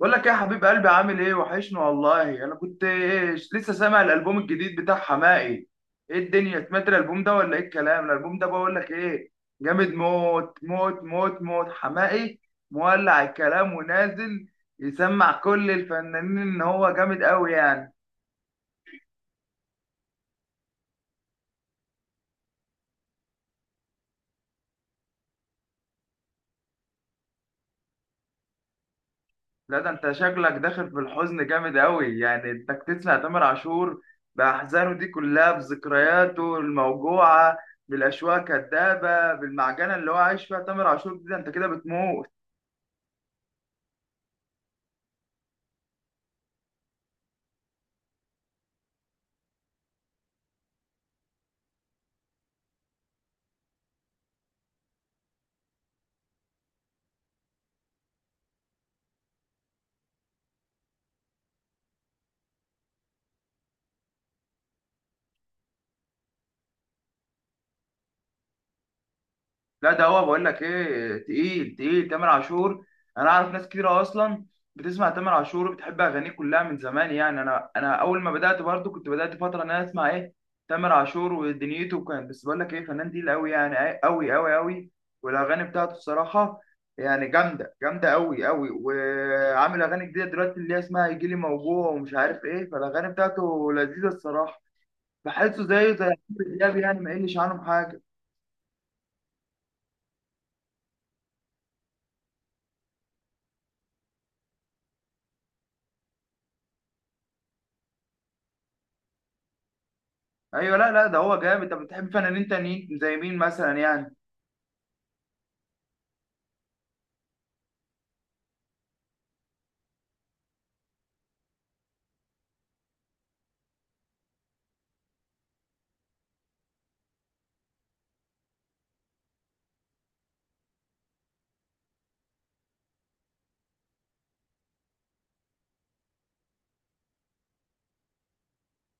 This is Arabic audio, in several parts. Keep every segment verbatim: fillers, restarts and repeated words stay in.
بقول لك إيه يا حبيب قلبي؟ عامل ايه؟ وحشني والله. انا كنت إيش، لسه سامع الالبوم الجديد بتاع حماقي. ايه الدنيا؟ سمعت الالبوم ده ولا ايه الكلام؟ الالبوم ده بقول لك ايه، جامد موت موت موت موت. حماقي مولع الكلام ونازل يسمع كل الفنانين ان هو جامد قوي يعني. لا ده انت شكلك داخل في الحزن جامد قوي، يعني انك تسمع تامر عاشور باحزانه دي كلها، بذكرياته الموجوعه، بالاشواق الكدابه، بالمعجنه اللي هو عايش فيها تامر عاشور دي، ده انت كده بتموت. لا ده هو بقول لك ايه، تقيل تقيل تامر عاشور. انا اعرف ناس كتيره اصلا بتسمع تامر عاشور وبتحب اغانيه كلها من زمان. يعني انا انا اول ما بدات برضو كنت بدات فتره ان انا اسمع ايه، تامر عاشور ودنيته. وكان بس بقول لك ايه، فنان تقيل قوي يعني، قوي قوي قوي. والاغاني بتاعته الصراحه يعني جامده جامده قوي قوي. وعامل اغاني جديده دلوقتي اللي هي اسمها يجي لي موجوع ومش عارف ايه، فالاغاني بتاعته لذيذه الصراحه. بحسه زيه زي عمرو دياب، يعني ما يقلش عنهم حاجه. ايوه، لا لا ده هو جامد. طب بتحب فنانين تانيين زي مين مثلا يعني؟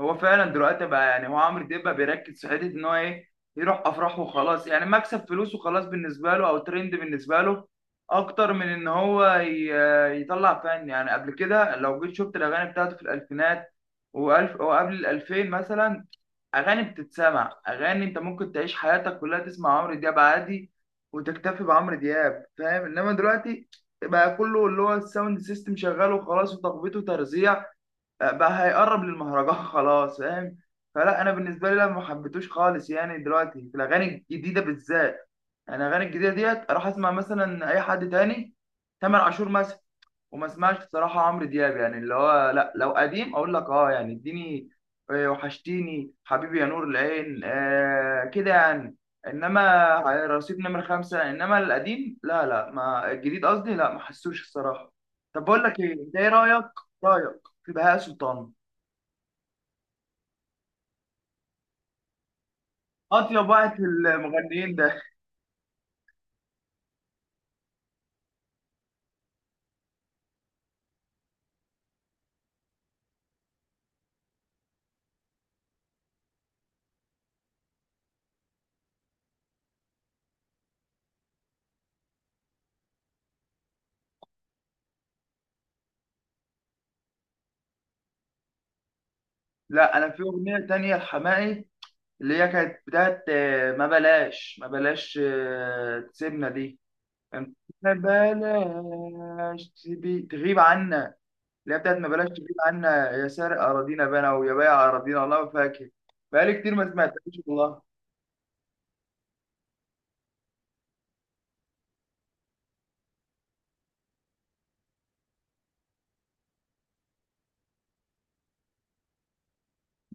هو فعلا دلوقتي بقى، يعني هو عمرو دياب بقى بيركز في حته ان هو ايه، يروح افراح وخلاص. يعني مكسب فلوس وخلاص بالنسبه له، او ترند بالنسبه له، اكتر من ان هو ي- يطلع فن. يعني قبل كده لو جيت شفت الاغاني بتاعته في الالفينات والف وقبل الالفين مثلا، اغاني بتتسمع. اغاني انت ممكن تعيش حياتك كلها تسمع عمرو دياب عادي وتكتفي بعمرو دياب، فاهم. انما دلوقتي بقى كله اللي هو الساوند سيستم شغال وخلاص، وتخبيط وترزيع، بقى هيقرب للمهرجان خلاص، فاهم. فلا انا بالنسبه لي لا، ما حبيتوش خالص يعني دلوقتي في الاغاني الجديده بالذات. يعني الاغاني الجديده ديت، اروح اسمع مثلا اي حد تاني، تامر عاشور مثلا، وما اسمعش بصراحه عمرو دياب. يعني اللي هو لا، لو قديم اقول لك اه، يعني اديني آه، وحشتيني، حبيبي يا نور العين، آه كده يعني. انما رصيد نمر خمسة، انما القديم لا لا. ما الجديد قصدي، لا ما حسوش الصراحه. طب بقول لك ايه، انت ايه رايك؟ رايك في بهاء سلطان؟ اطيب واحد في المغنيين ده. لا انا في اغنيه تانية لحماقي، اللي هي كانت بتاعت آه، ما بلاش، ما بلاش آه، تسيبنا دي. كانت ما بلاش تبي تغيب عنا، اللي هي بتاعت ما بلاش تغيب عنا يا سارق أراضينا بنا، ويا بايع أراضينا. والله ما فاكر، بقالي كتير ما سمعتهاش والله.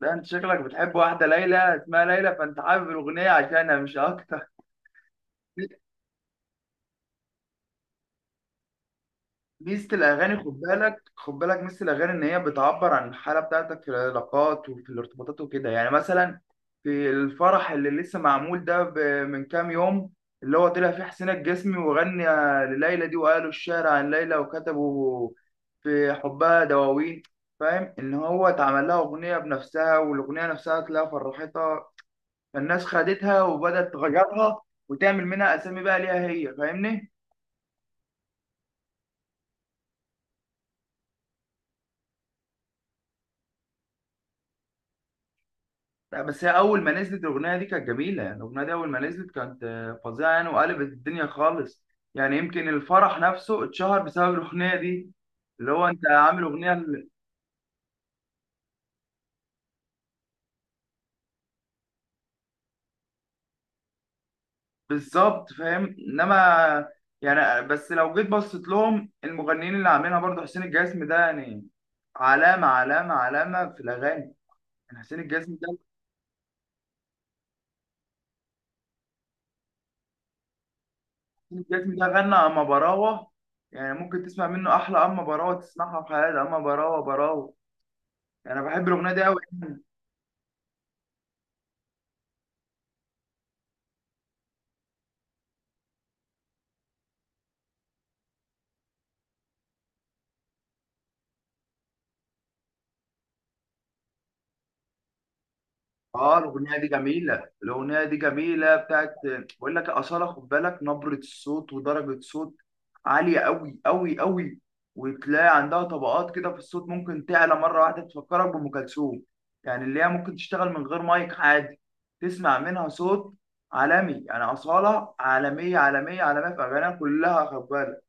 ده انت شكلك بتحب واحدة ليلى، اسمها ليلى، فانت حابب الأغنية عشانها مش أكتر. ميزة الأغاني خد بالك، خد بالك، ميزة الأغاني إن هي بتعبر عن الحالة بتاعتك في العلاقات وفي الارتباطات وكده. يعني مثلا في الفرح اللي لسه معمول ده ب- من كام يوم، اللي هو طلع فيه حسين الجسمي وغنى لليلى دي، وقالوا الشعر عن ليلى، وكتبوا في حبها دواوين. فاهم إن هو اتعمل لها أغنية بنفسها، والأغنية نفسها تلاقيها فرحتها. فالناس خدتها وبدأت تغيرها وتعمل منها أسامي بقى ليها هي، فاهمني؟ لا بس هي اول ما نزلت الاغنيه دي كانت جميله. يعني الاغنيه دي اول ما نزلت كانت آه، فظيعه يعني، وقلبت الدنيا خالص. يعني يمكن الفرح نفسه اتشهر بسبب الاغنيه دي، اللي هو انت عامل اغنيه ل- بالظبط، فاهم. انما يعني بس لو جيت بصيت لهم، المغنيين اللي عاملينها برضه، حسين الجسمي ده يعني علامه، علامه، علامه في الاغاني. يعني حسين الجسمي ده، حسين الجسمي ده غنى اما براوه. يعني ممكن تسمع منه احلى اما براوه تسمعها في حياتك، اما براوه براوه. يعني انا بحب الاغنيه دي قوي. اه الاغنيه دي جميله، الاغنيه دي جميله بتاعت، بقول لك اصاله خد بالك، نبره الصوت ودرجه صوت عاليه قوي قوي قوي. وتلاقي عندها طبقات كده في الصوت، ممكن تعلى مره واحده تفكرك بام كلثوم. يعني اللي هي ممكن تشتغل من غير مايك عادي، تسمع منها صوت عالمي. يعني اصاله عالميه، عالميه، عالميه في اغانيها كلها خد بالك.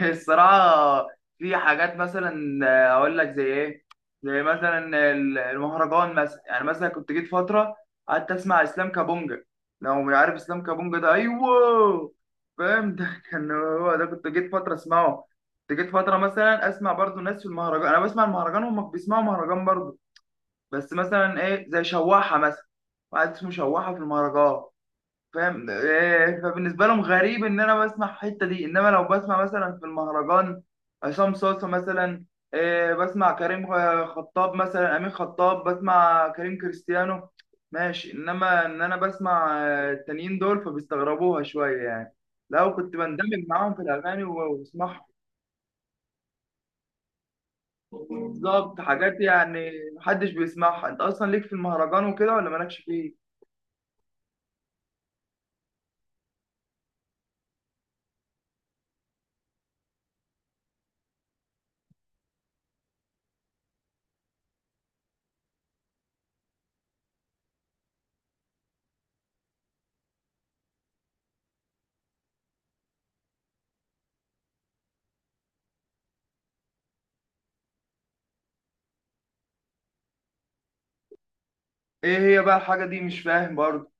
الصراحة في حاجات مثلا، آه، أقول لك زي إيه؟ زي مثلا ال- المهرجان مثلا. يعني مثلا كنت جيت فترة قعدت أسمع إسلام كابونجا، لو مش عارف إسلام كابونجا ده، أيوه، فاهم، ده كان هو ده، كنت جيت فترة أسمعه. كنت جيت فترة مثلا أسمع برضو ناس في المهرجان، أنا بسمع المهرجان وهم بيسمعوا مهرجان برضو، بس مثلا إيه، زي شواحة مثلا، واحد اسمه شواحة في المهرجان، فاهم. آه، فبالنسبه لهم غريب ان انا بسمع الحته دي. انما لو بسمع مثلا في المهرجان عصام صاصا مثلا، آه، بسمع كريم، آه، خطاب مثلا، امين خطاب، بسمع كريم كريستيانو، ماشي. انما ان انا بسمع آه، التانيين دول فبيستغربوها شويه يعني، لو كنت بندمج معاهم في الاغاني و- وبسمعهم. بالظبط، حاجات يعني محدش بيسمعها. انت اصلا ليك في المهرجان وكده ولا مالكش فيه؟ ايه هي بقى الحاجه دي؟ مش فاهم برضه.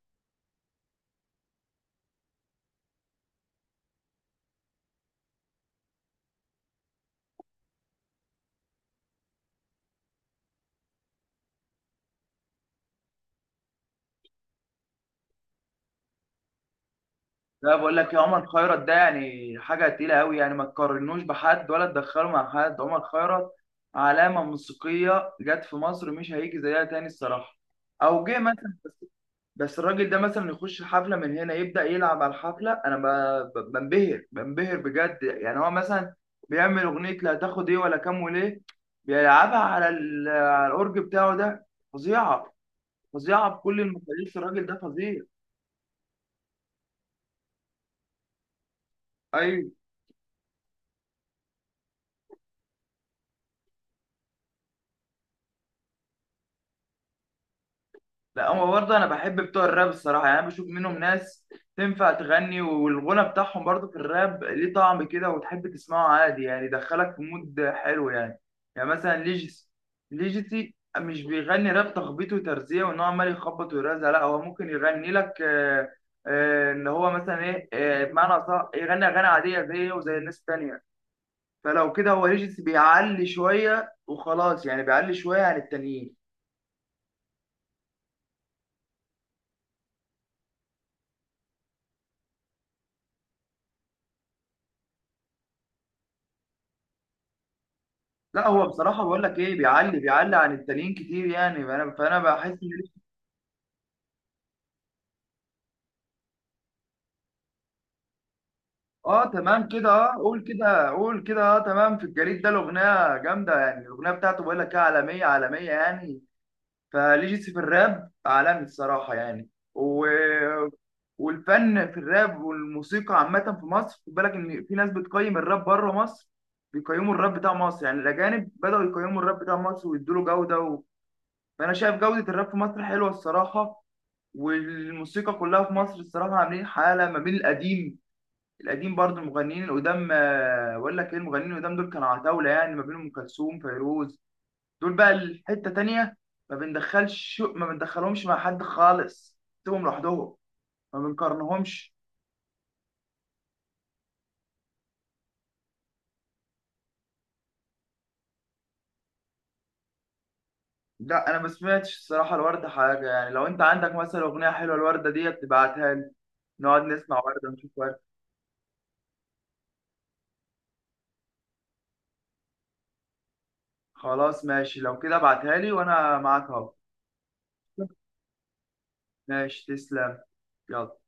لا بقول لك، يا عمر خيرت ده يعني حاجة تقيلة قوي، يعني ما تقارنوش بحد، ولا تدخله مع حد. عمر خيرت علامة موسيقية جت في مصر مش هيجي زيها تاني الصراحة، أو جه مثلا، بس، بس الراجل ده مثلا يخش حفلة من هنا، يبدأ يلعب على الحفلة أنا ب- ب- بنبهر بنبهر بجد. يعني هو مثلا بيعمل أغنية لا تاخد إيه ولا كام وليه، بيلعبها على ال- على الأورج بتاعه ده. فظيعة، فظيعة بكل المقاييس، الراجل ده فظيع. أيوه. لا هو برضه انا بحب بتوع الراب الصراحه. يعني انا بشوف منهم ناس تنفع تغني، والغنى بتاعهم برضه في الراب ليه طعم كده، وتحب تسمعه عادي، يعني يدخلك في مود حلو يعني. يعني مثلا ليجيسي، ليجيسي مش بيغني راب تخبيط وترزيع وان هو عمال يخبط ويرزع، لا هو ممكن يغني لك آه، آه، ان هو مثلا ايه، آه، بمعنى صح، يغني اغاني عاديه زيه وزي الناس التانيه. فلو كده هو ليجيسي بيعلي شويه وخلاص، يعني بيعلي شويه عن التانيين. لا هو بصراحة بقول لك ايه، بيعلي، بيعلي عن التانيين كتير يعني. فانا فانا بحس ان، اه تمام كده، اه قول كده قول كده، اه تمام. في الجريد ده الأغنية جامدة يعني، الأغنية بتاعته بقول لك ايه، عالمية عالمية يعني. فليجيسي في الراب عالمي الصراحة يعني، و... والفن في الراب والموسيقى عامة في مصر، خد بالك ان في ناس بتقيم الراب بره مصر، بيقيموا الراب بتاع مصر. يعني الأجانب بدأوا يقيموا الراب بتاع مصر ويدوا له جودة و... فأنا شايف جودة الراب في مصر حلوة الصراحة. والموسيقى كلها في مصر الصراحة عاملين حالة ما بين القديم، القديم برضه المغنيين القدام، آه، أقول لك إيه، المغنيين القدام دول كانوا عتاولة يعني، ما بين أم كلثوم، فيروز، دول بقى الحتة تانية، ما بندخلش ما بندخلهمش مع حد خالص، سيبهم لوحدهم، ما بنقارنهمش. لا أنا ما سمعتش الصراحة الوردة حاجة، يعني لو أنت عندك مثلا أغنية حلوة الوردة ديت تبعتها لي، نقعد نسمع وردة، نشوف وردة. خلاص ماشي، لو كده ابعتها لي وأنا معاك أهو. ماشي تسلم، يلا.